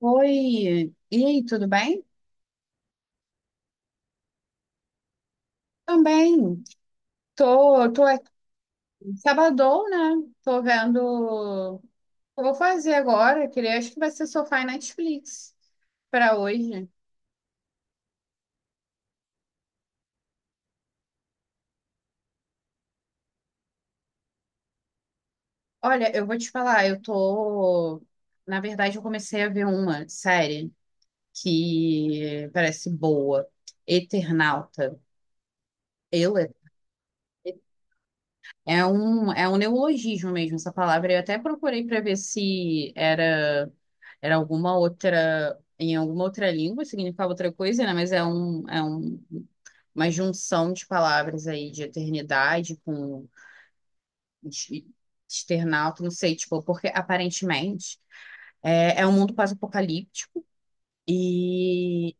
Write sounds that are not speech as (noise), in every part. Oi, e aí, tudo bem? Também. Tô aqui. Sabadão, né? Tô vendo o que eu vou fazer agora. Queria, acho que vai ser sofá e Netflix para hoje. Olha, eu vou te falar, eu tô. Na verdade, eu comecei a ver uma série que parece boa, Eternauta. Eu, é um neologismo mesmo essa palavra. Eu até procurei para ver se era. Era alguma outra, em alguma outra língua, significava outra coisa, né? Mas uma junção de palavras aí de eternidade com de- externauta, não sei, tipo, porque aparentemente é um mundo pós-apocalíptico e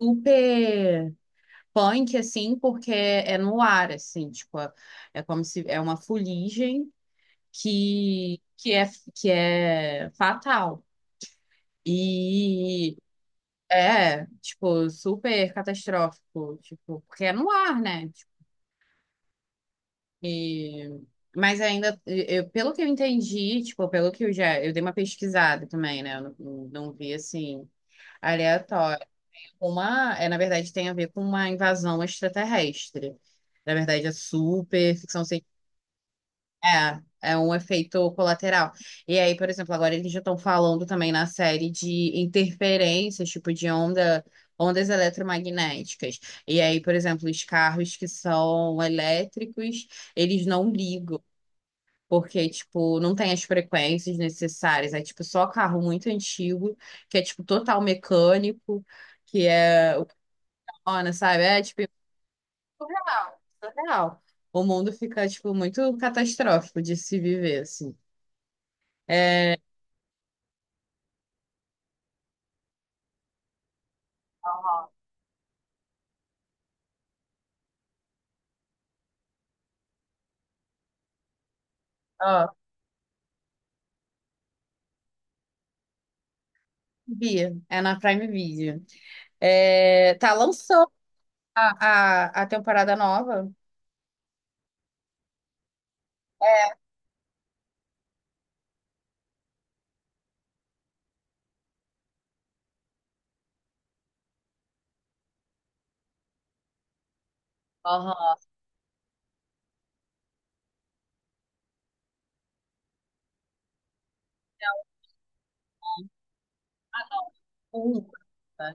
super punk, assim, porque é no ar, assim, tipo, é, é como se é uma fuligem que, que é, que é fatal. E é, tipo, super catastrófico, tipo, porque é no ar, né? Tipo, e... Mas ainda, eu, pelo que eu entendi, tipo, pelo que eu já, eu dei uma pesquisada também, né? Eu não vi, assim, aleatório. Uma, é, na verdade, tem a ver com uma invasão extraterrestre. Na verdade, é super ficção. É, é um efeito colateral. E aí, por exemplo, agora eles já estão falando também na série de interferências, tipo de onda, ondas eletromagnéticas. E aí, por exemplo, os carros que são elétricos, eles não ligam, porque, tipo, não tem as frequências necessárias. É, tipo, só carro muito antigo, que é, tipo, total mecânico, que é o Kona, sabe? É, tipo, surreal, surreal. O mundo fica, tipo, muito catastrófico de se viver, assim. É, ó, Bia, é na Prime Video. É, tá, lançou a temporada nova. É. Aham. Ah, não. Um, tá?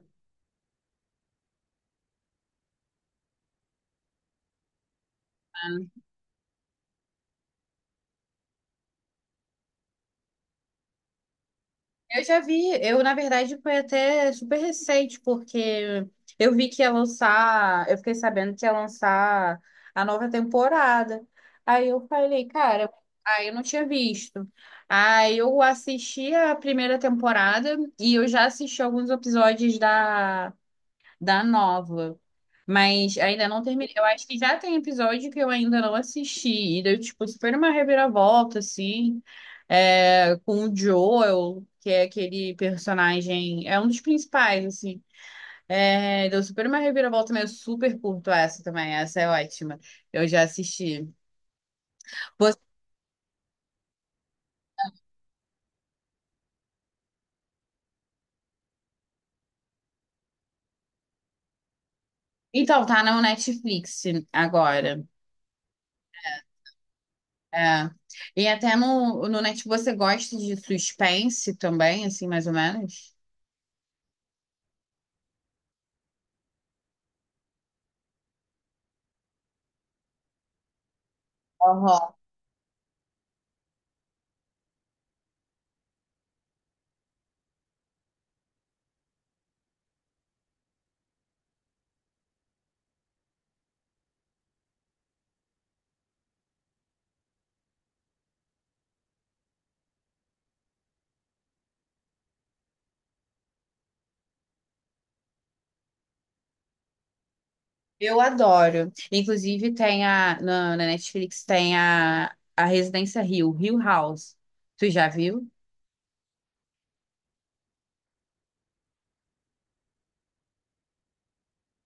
Eu já vi, eu na verdade foi até super recente, porque eu vi que ia lançar, eu fiquei sabendo que ia lançar a nova temporada. Aí eu falei, cara, aí eu não tinha visto. Aí eu assisti a primeira temporada e eu já assisti alguns episódios da nova. Mas ainda não terminei. Eu acho que já tem episódio que eu ainda não assisti. E deu, tipo, super uma reviravolta, assim. É, com o Joel, que é aquele personagem. É um dos principais, assim. É, deu super uma reviravolta, mas eu super curto essa também. Essa é ótima. Eu já assisti. Você- Então, tá no Netflix agora. É. E até no Netflix você gosta de suspense também, assim, mais ou menos? Eu adoro. Inclusive, tem a. Na Netflix tem a Residência Hill, Hill House. Tu já viu?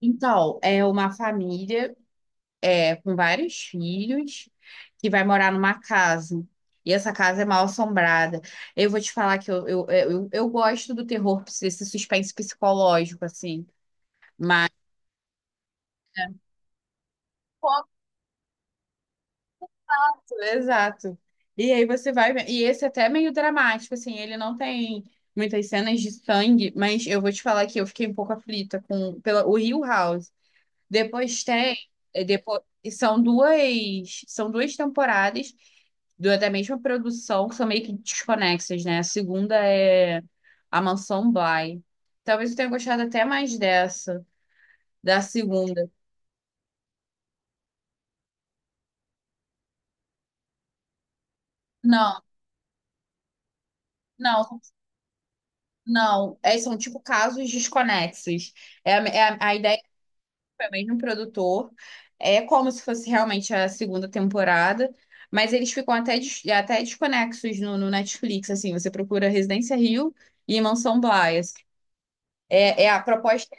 Então, é uma família é, com vários filhos que vai morar numa casa. E essa casa é mal assombrada. Eu vou te falar que eu gosto do terror, desse suspense psicológico, assim. Mas. Exato. E aí você vai ver. E esse até é meio dramático, assim, ele não tem muitas cenas de sangue, mas eu vou te falar que eu fiquei um pouco aflita com pela, o Hill House. Depois tem, é, depois, são duas temporadas da mesma produção, que são meio que desconexas, né? A segunda é A Mansão Bly. Talvez eu tenha gostado até mais dessa, da segunda. Não, não, não. É, são tipo casos desconexos. É, a ideia foi o mesmo produtor. É como se fosse realmente a segunda temporada, mas eles ficam até, des- até desconexos no Netflix, assim, você procura Residência Rio e Mansão Blas. É, é a proposta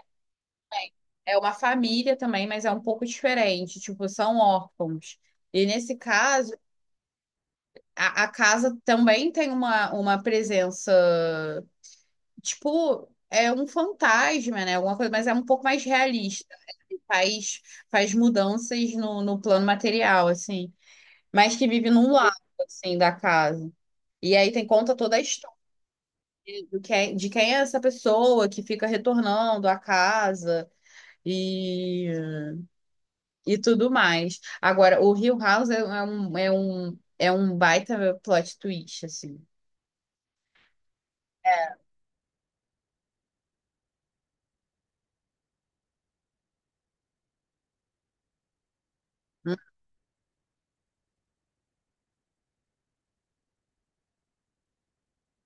é uma família também, mas é um pouco diferente, tipo, são órfãos. E nesse caso, a casa também tem uma presença tipo, é um fantasma, né? Alguma coisa, mas é um pouco mais realista. Ele faz, faz mudanças no plano material, assim. Mas que vive num lado, assim, da casa. E aí tem conta toda a história do que é- de quem é essa pessoa que fica retornando à casa e, e tudo mais. Agora, o Hill House é um baita plot twist, assim.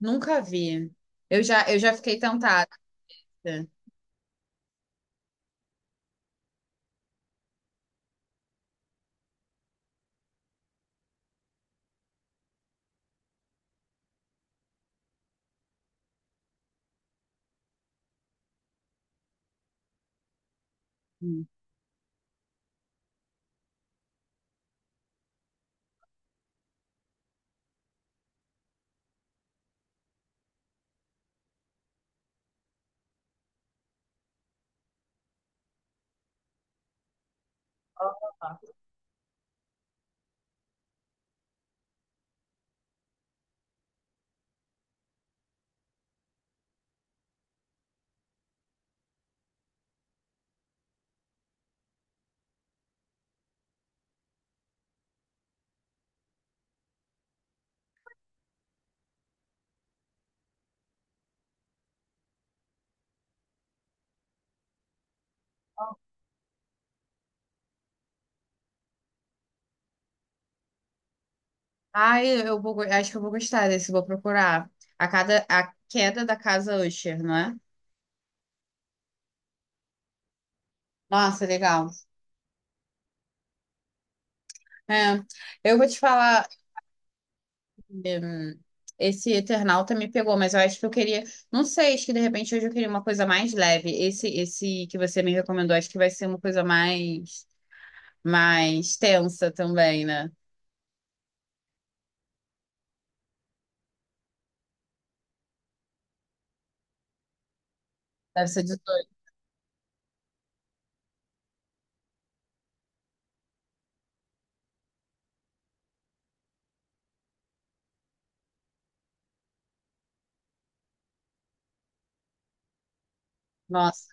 Nunca vi. Eu já fiquei tentada. Ah, eu vou, go- acho que eu vou gostar desse, vou procurar. A, cada, a queda da casa Usher, não é? Nossa, legal. É, eu vou te falar, hum, esse Eternauta me pegou, mas eu acho que eu queria, não sei, acho que de repente hoje eu queria uma coisa mais leve. Esse que você me recomendou, acho que vai ser uma coisa mais, mais tensa também, né? Deve ser 18. Nossa,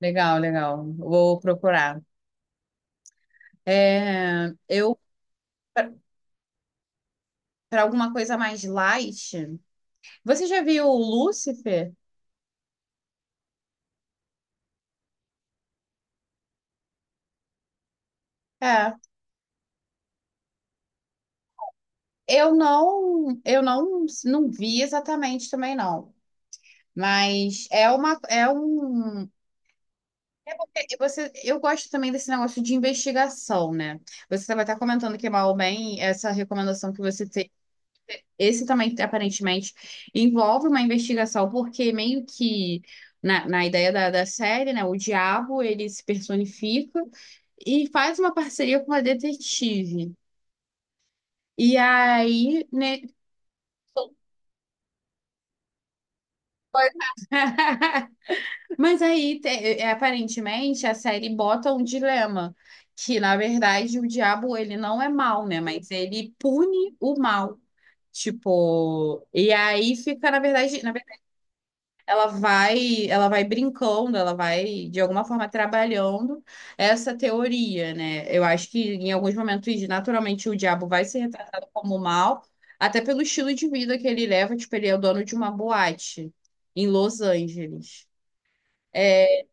legal, legal. Vou procurar. É, eu, para alguma coisa mais light. Você já viu o Lúcifer? É. Eu não, eu não vi exatamente também não. Mas é uma, é um. E você, eu gosto também desse negócio de investigação, né? Você estava até comentando que mal ou bem essa recomendação que você tem, esse também aparentemente envolve uma investigação, porque meio que na ideia da série, né? O diabo ele se personifica e faz uma parceria com uma detetive. E aí, né, (laughs) Mas aí, te- é, aparentemente, a série bota um dilema, que na verdade o diabo ele não é mal né? Mas ele pune o mal. Tipo, e aí fica, na verdade, ela vai brincando, ela vai de alguma forma trabalhando essa teoria, né? Eu acho que em alguns momentos, naturalmente, o diabo vai ser retratado como mal, até pelo estilo de vida que ele leva, tipo, ele é o dono de uma boate em Los Angeles. É,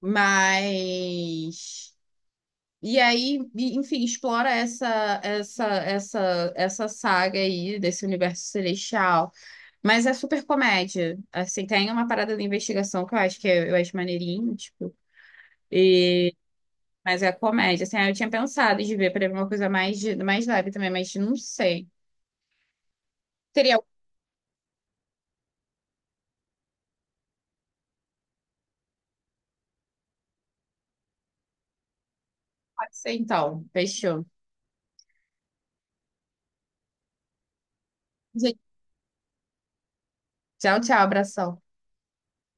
mas e aí, e- enfim, explora essa saga aí desse universo celestial, mas é super comédia. Assim, tem uma parada de investigação que eu acho que eu acho maneirinho, tipo, mas é comédia. Assim, aí eu tinha pensado de ver para ver uma coisa mais de- mais leve também, mas não sei. Teria algo que pode ser então. Fechou. Gente, tchau, tchau, abração.